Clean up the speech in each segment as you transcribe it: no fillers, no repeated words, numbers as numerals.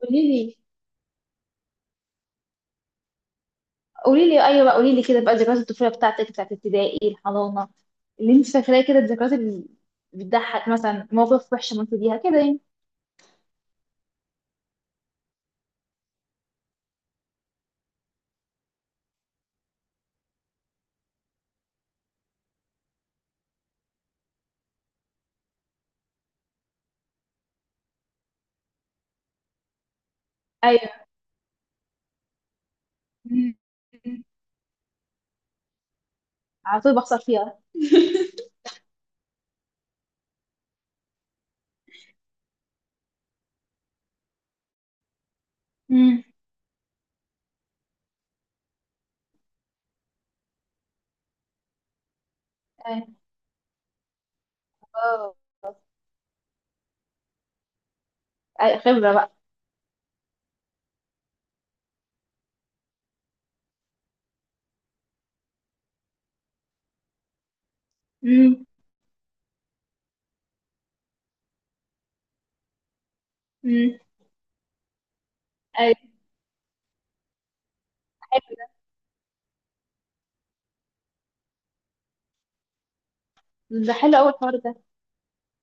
قولي لي قولي لي ايوه بقى قولي لي كده بقى ذكريات الطفوله بتاعتك بتاعت ابتدائي الحضانه اللي انت فاكراه كده الذكريات اللي بتضحك، مثلا مواقف وحشه مريت بيها كده يعني. ايوه. مم. على طول بخسر فيها. مم. ايوه. اه. أي خبره بقى. امم. امم. ايوه. حلو. ده حلو اول الحوار ده.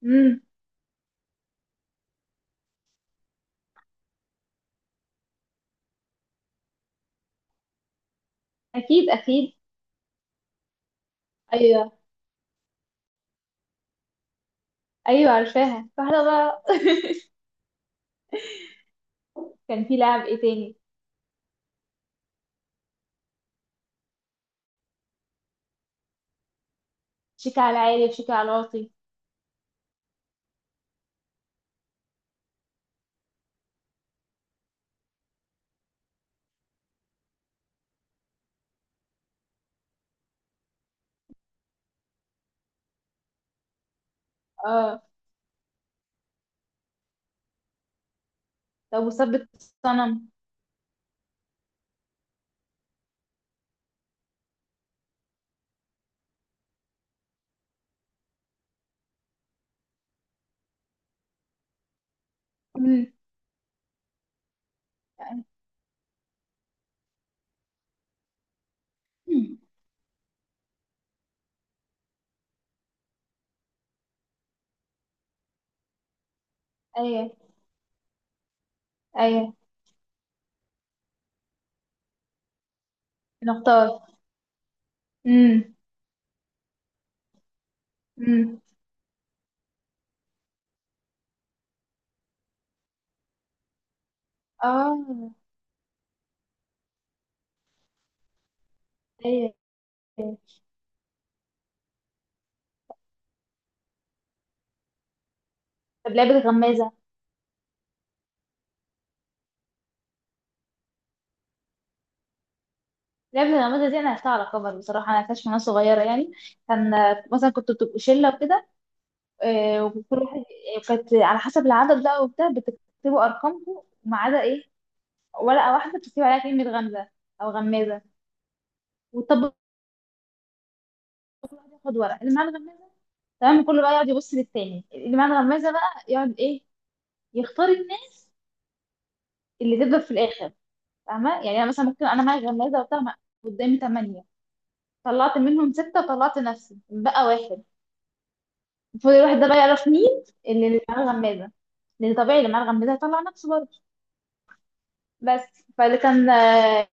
امم. اكيد اكيد. ايوه. ايوه عارفاها فاحنا بقى كان في لعب ايه تاني؟ شيك على العالي وشيك على الواطي. اه طب وثبت الصنم. يعني، أمم، ايوه. ايوه. نختار. امم. امم. اه. ايوه. أيوه. طب لعبة الغمازة. لعبة الغمازة دي أنا لعبتها على كبر بصراحة، أنا لعبتهاش من وأنا صغيرة يعني. كان مثلا كنت بتبقوا شلة وكده، وكل واحد كانت على حسب العدد بقى وبتاع، بتكتبوا أرقامكم وما عدا إيه، ورقة واحدة بتكتب عليها كلمة غمزة أو غمازة وتطبق. كل واحد ياخد ورقة، اللي معاه الغمازة تمام، كله بقى يقعد يبص للتاني، اللي معاه الغمازة بقى يقعد إيه، يختار الناس اللي تفضل في الآخر. فاهمه يعني انا مثلا ممكن انا معايا غمازه وبتاع ما- قدامي ثمانيه، طلعت منهم سته وطلعت نفسي بقى واحد. المفروض الواحد ده بقى يعرف مين اللي معاه الغمازه، لان طبيعي اللي معاه الغمازه هيطلع نفسه برضه. بس فاللي كان.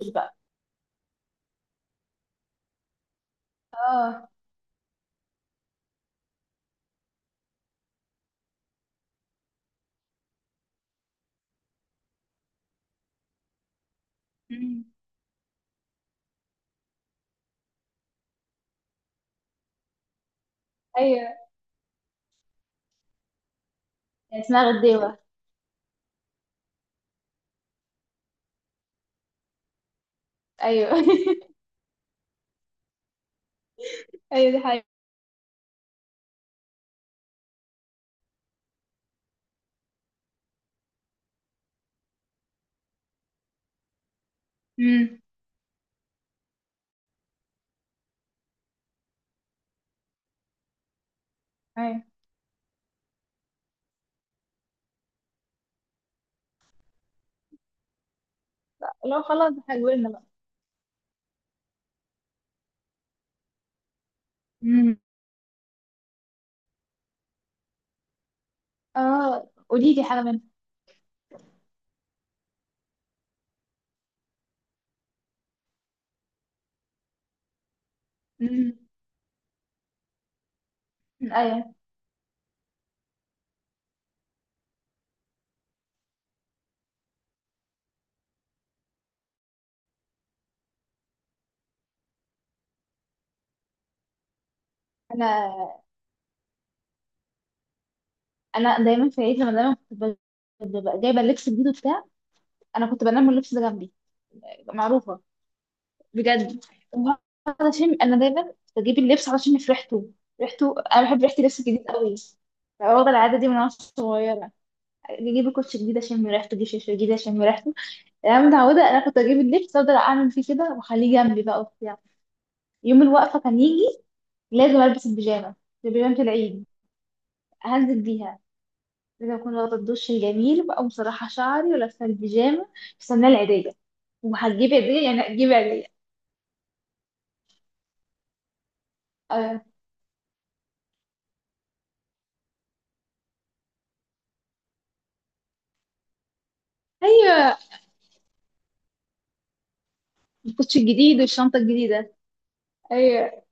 مش بقى. اه. مم. ايوه يعني اسمها غديوه. ايوه. ايوه دي حاجه. امم. ايوه. لو خلاص احنا كبرنا بقى. امم. اه قولي لي حاجه منها. امم. ايوه. انا، انا دايما في العيد، لما دايما كنت ب- ببقى جايبه اللبس الجديد وبتاع، انا كنت بنام واللبس ده جنبي. معروفه. بجد. وعلشان انا دايما بجيب اللبس علشان في ريحته، ريحته، انا بحب ريحه اللبس الجديد قوي. واخدة العادة دي من وانا صغيرة، اجيب الكوتش جديد اشم ريحته، اجيب شاشه جديد اشم ريحته. انا متعودة، انا كنت اجيب اللبس افضل اعمل فيه كده واخليه جنبي بقى وبتاع. يوم الوقفة كان يجي لازم البس البيجامة، بيجامة العيد هنزل بيها. لازم اكون واخدة الدش الجميل بقى، مسرحة شعري ولابسة البيجامة، مستنية العيدية، وهتجيب عيدية يعني هتجيب عيدية. آه. ايوه. الكوتش الجديد والشنطه الجديده. ايوه.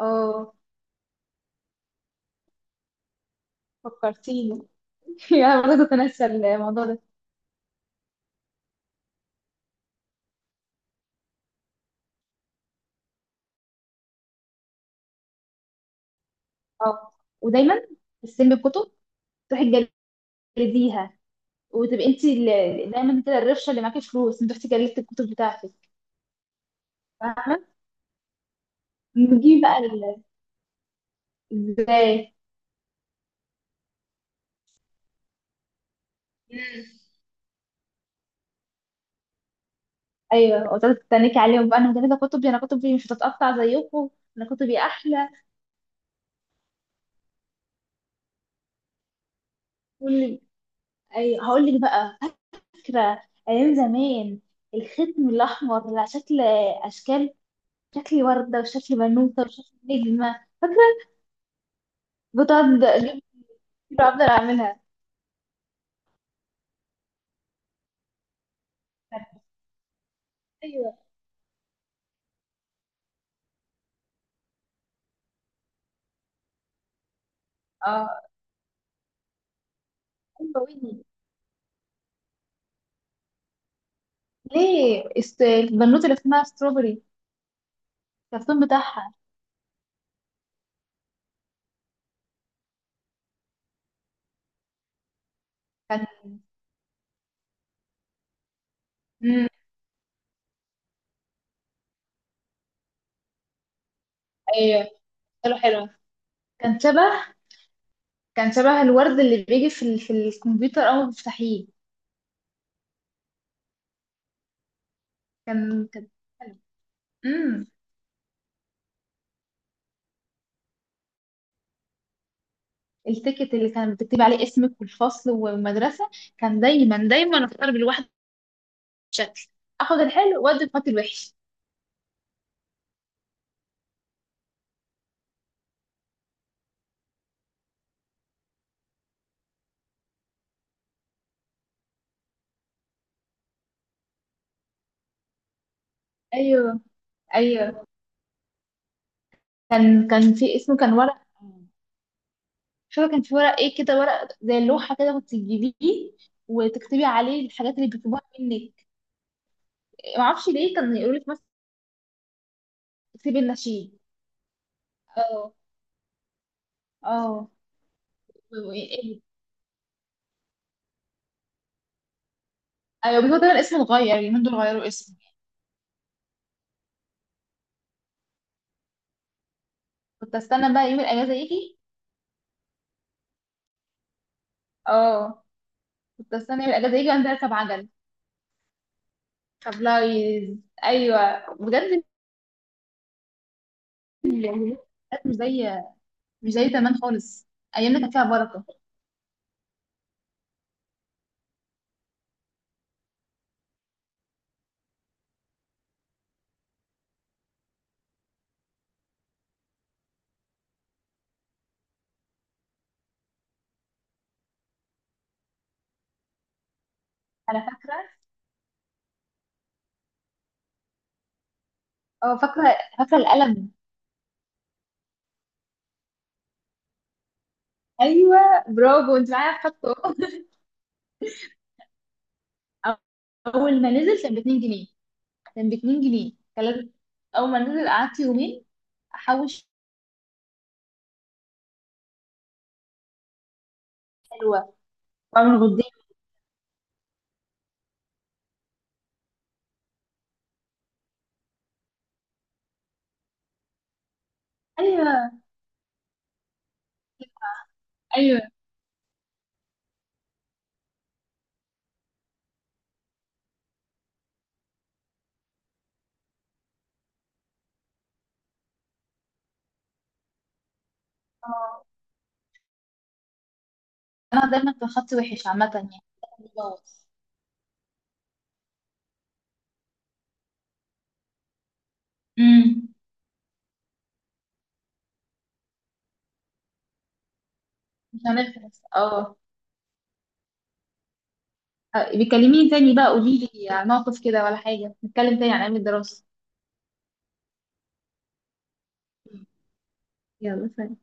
اه فكرتيني. انا برضه بنسى الموضوع ده. اه ودايما تستلمي الكتب، تروحي تجلديها، وتبقي انت ال- دايما كده الرفشه اللي معاكي فلوس، انت رحتي جلدتي الكتب بتاعتك. فاهمه. نجيب بقى ال- ازاي. مم. ايوه وتقعدي تتنكي عليهم بقى، انا مجلده كتبي، انا كتبي مش هتتقطع زيكم، انا كتبي احلى. واللي، ايوه هقول لك بقى فكرة أيام زمان، الختم الأحمر على شكل أشكال، شكل وردة وشكل بنوتة وشكل نجمة فاكرة. بتقعد أجيب كتير وأفضل أعملها. أيوه. آه أيوه ويني، ليه است- البنوتة اللي اسمها ستروبري، الكرتون بتاعها. كان. مم. أيوه. حلو حلو. كان شبه، كان شبه الورد اللي بيجي في ال... في الكمبيوتر أول ما بتفتحيه. كان حلو. التيكت اللي كان بتكتبي عليه اسمك والفصل والمدرسة، كان دايما دايما اختار بالواحد شكل، اخد الحلو وادي قاتل الوحش. ايوه. ايوه كان في اسمه كان ورق. مش فاكرة كان في ورق ايه كده، ورق زي اللوحة كده كنت تجيبيه وتكتبي عليه الحاجات اللي بيطلبوها منك. معرفش ليه، كانوا يقولوا لك مثلا اكتبي النشيد. اه. اه إيه؟ ايوه، بيقولوا دايما الاسم اتغير، اليومين دول غيروا اسمه. كنت استنى بقى يوم الاجازة يجي. اه. كنت استنى يوم الاجازة يجي وانزل اركب عجل. طب لايز. ايوه بجد ال- مش زي مش زي زمان خالص. ايامنا كانت فيها بركه. انا فاكره. اه فاكره القلم. ايوه. برافو انت معايا في خطه. اول ما نزل كان ب 2 جنيه، كان لازم- اول ما نزل قعدت يومين احوش. حلوه. واعمل غدين. ايوه. ايوه. اه انا دايما كان خطي وحش عامه يعني. امم. مش هنخلص اه. بيكلميني تاني بقى، قولي لي على موقف كده، ولا حاجة نتكلم تاني عن أيام الدراسة. يلا سلام.